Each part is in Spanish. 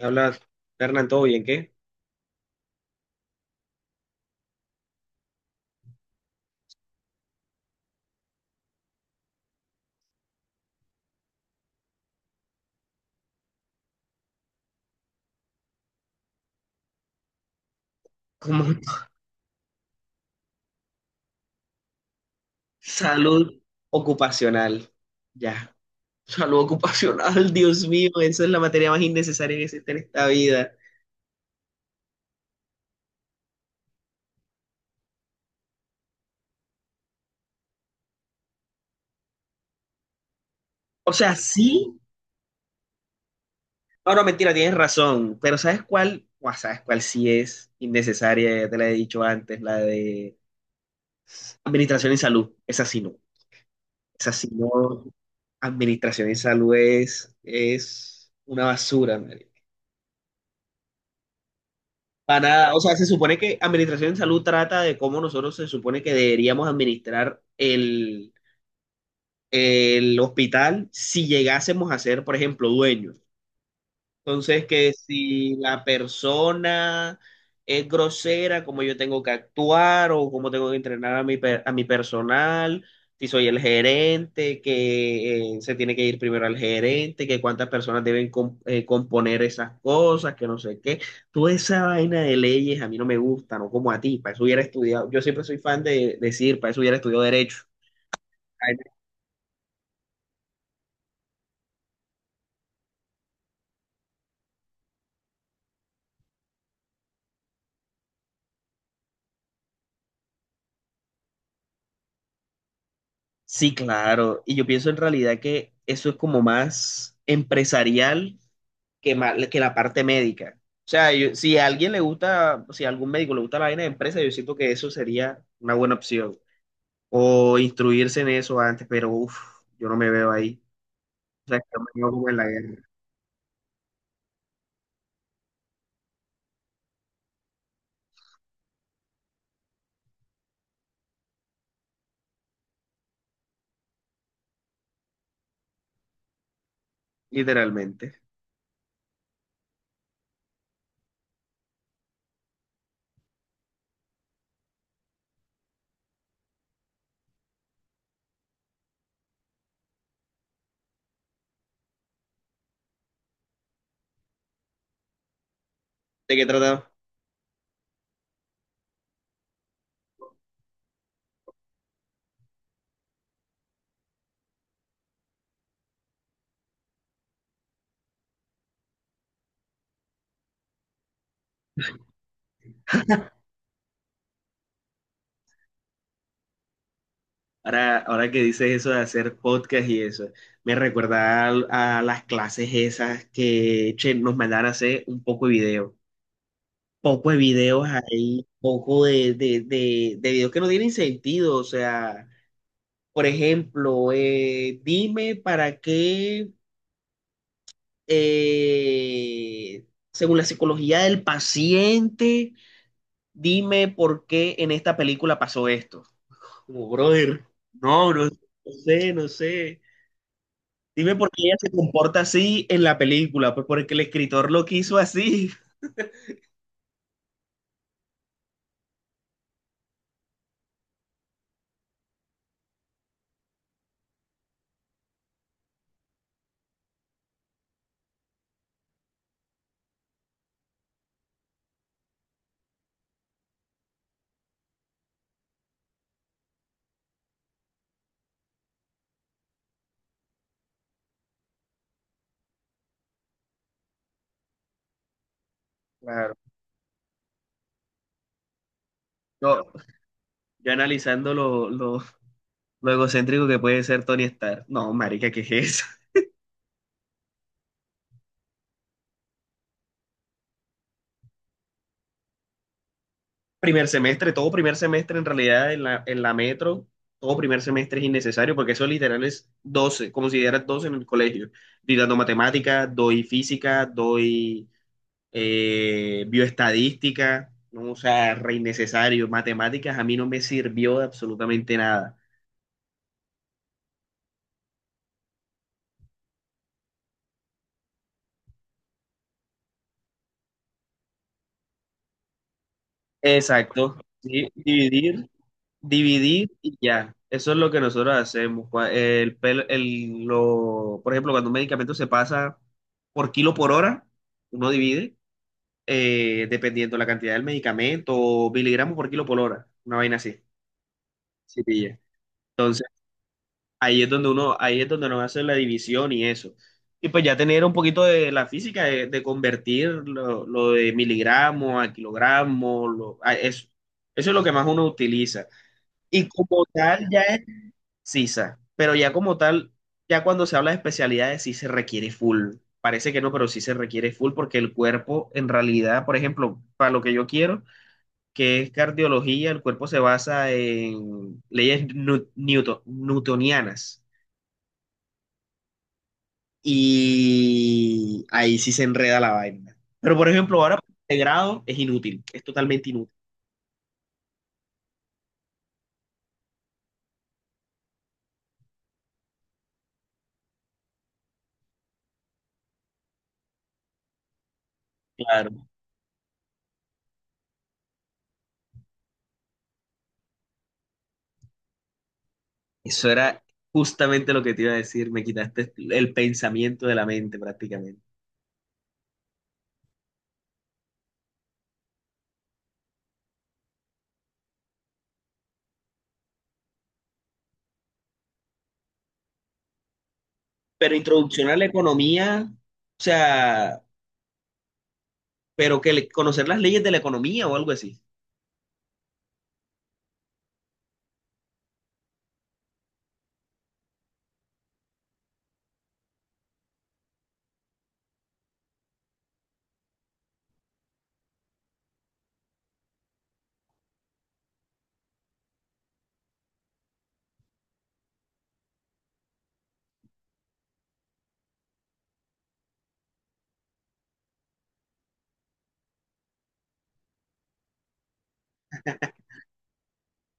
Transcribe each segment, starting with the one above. Hablas, Hernán, ¿todo bien? ¿Qué? Como salud ocupacional. Ya. Salud ocupacional, Dios mío, esa es la materia más innecesaria que existe en esta vida. O sea, sí. Ahora, mentira, tienes razón. Pero ¿sabes cuál? Buah, ¿sabes cuál sí es innecesaria? Ya te la he dicho antes, la de administración y salud. Esa sí no. Esa sí no. Administración y salud es una basura, man. Para nada, o sea, se supone que administración en salud trata de cómo nosotros se supone que deberíamos administrar el hospital si llegásemos a ser, por ejemplo, dueños. Entonces, que si la persona es grosera, cómo yo tengo que actuar o cómo tengo que entrenar a mi personal, si soy el gerente, que se tiene que ir primero al gerente, que cuántas personas deben componer esas cosas, que no sé qué. Toda esa vaina de leyes a mí no me gusta, no como a ti, para eso hubiera estudiado, yo siempre soy fan de decir, para eso hubiera estudiado derecho. Ay, sí, claro. Y yo pienso en realidad que eso es como más empresarial que la parte médica. O sea, si a alguien le gusta, si a algún médico le gusta la vaina de empresa, yo siento que eso sería una buena opción. O instruirse en eso antes, pero uff, yo no me veo ahí. O sea, yo me veo como en la guerra, literalmente. ¿De qué trataba? Ahora que dices eso de hacer podcast y eso, me recuerda a las clases esas que che, nos mandaban a hacer un poco de video. Poco de videos ahí, poco de videos que no tienen sentido, o sea. Por ejemplo, dime para qué, eh, según la psicología del paciente, dime por qué en esta película pasó esto. Como, brother, no, no, no sé, no sé. Dime por qué ella se comporta así en la película, pues porque el escritor lo quiso así. Claro. Yo, yo analizando lo egocéntrico que puede ser Tony Stark. No, marica, ¿qué es eso? Primer semestre, todo primer semestre en realidad en la metro, todo primer semestre es innecesario porque eso literal es 12, como si dieras 12 en el colegio. Estoy dando matemáticas, doy física, doy bioestadística, ¿no? O sea, re innecesario. Matemáticas a mí no me sirvió de absolutamente nada. Exacto. Sí, dividir y ya. Eso es lo que nosotros hacemos. Lo, por ejemplo, cuando un medicamento se pasa por kilo por hora, uno divide, dependiendo la cantidad del medicamento, o miligramos por kilo por hora, una vaina así. Sí, pilla. Entonces, ahí es donde nos hace la división y eso. Y pues ya tener un poquito de la física, de convertir lo de miligramo a kilogramo, a eso. Eso es lo que más uno utiliza. Y como tal, ya CISA, pero ya como tal, ya cuando se habla de especialidades sí se requiere full. Parece que no, pero sí se requiere full porque el cuerpo en realidad, por ejemplo, para lo que yo quiero, que es cardiología, el cuerpo se basa en leyes newtonianas y ahí sí se enreda la vaina. Pero por ejemplo, ahora de grado es inútil, es totalmente inútil. Claro, eso era justamente lo que te iba a decir, me quitaste el pensamiento de la mente prácticamente. Pero introducción a la economía, o sea, conocer las leyes de la economía o algo así.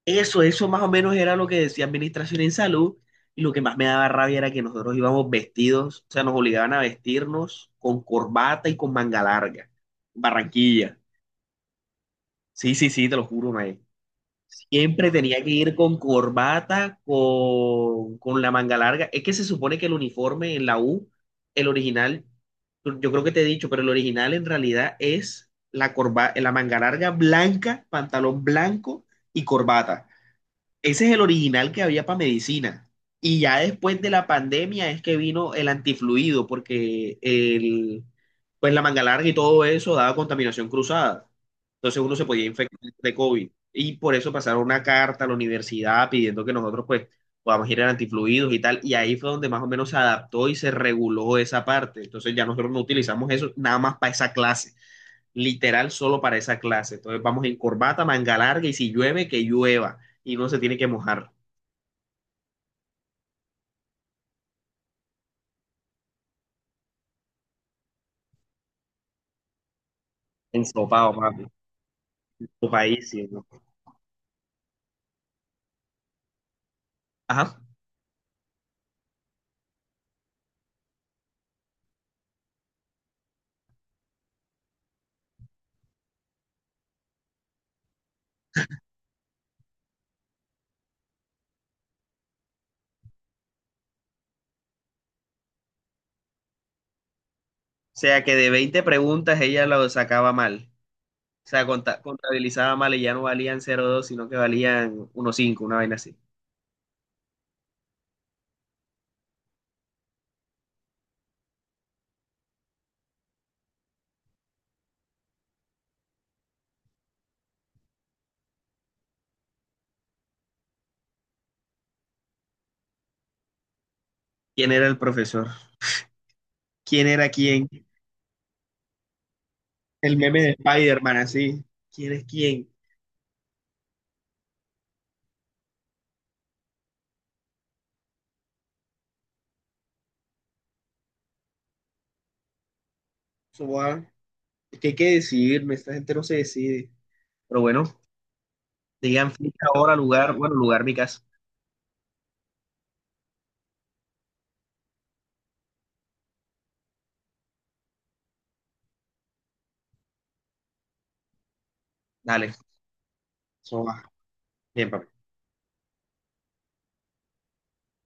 Eso más o menos era lo que decía Administración en Salud. Y lo que más me daba rabia era que nosotros íbamos vestidos, o sea, nos obligaban a vestirnos con corbata y con manga larga. Barranquilla. Sí, sí, sí, te lo juro, mae. Siempre tenía que ir con corbata, con la manga larga. Es que se supone que el uniforme en la U, el original, yo creo que te he dicho, pero el original en realidad es la manga larga blanca, pantalón blanco y corbata. Ese es el original que había para medicina. Y ya después de la pandemia es que vino el antifluido, porque pues la manga larga y todo eso daba contaminación cruzada. Entonces uno se podía infectar de COVID. Y por eso pasaron una carta a la universidad pidiendo que nosotros pues podamos ir al antifluidos y tal. Y ahí fue donde más o menos se adaptó y se reguló esa parte. Entonces ya nosotros no utilizamos eso nada más para esa clase, literal solo para esa clase. Entonces vamos en corbata, manga larga y si llueve, que llueva y no se tiene que mojar. Ensopado, papi. Sopadísimo. Ajá. O sea que de 20 preguntas ella lo sacaba mal. O sea, contabilizaba mal y ya no valían 0,2 sino que valían 1,5, una vaina así. ¿Quién era el profesor? ¿Quién era quién? El meme de Spider-Man, así. ¿Quién es quién? Eso va- Es que hay que decidirme, esta gente no se decide. Pero bueno, digan fecha, hora, lugar, bueno, lugar, mi casa. Dale, eso va. Bien, papá.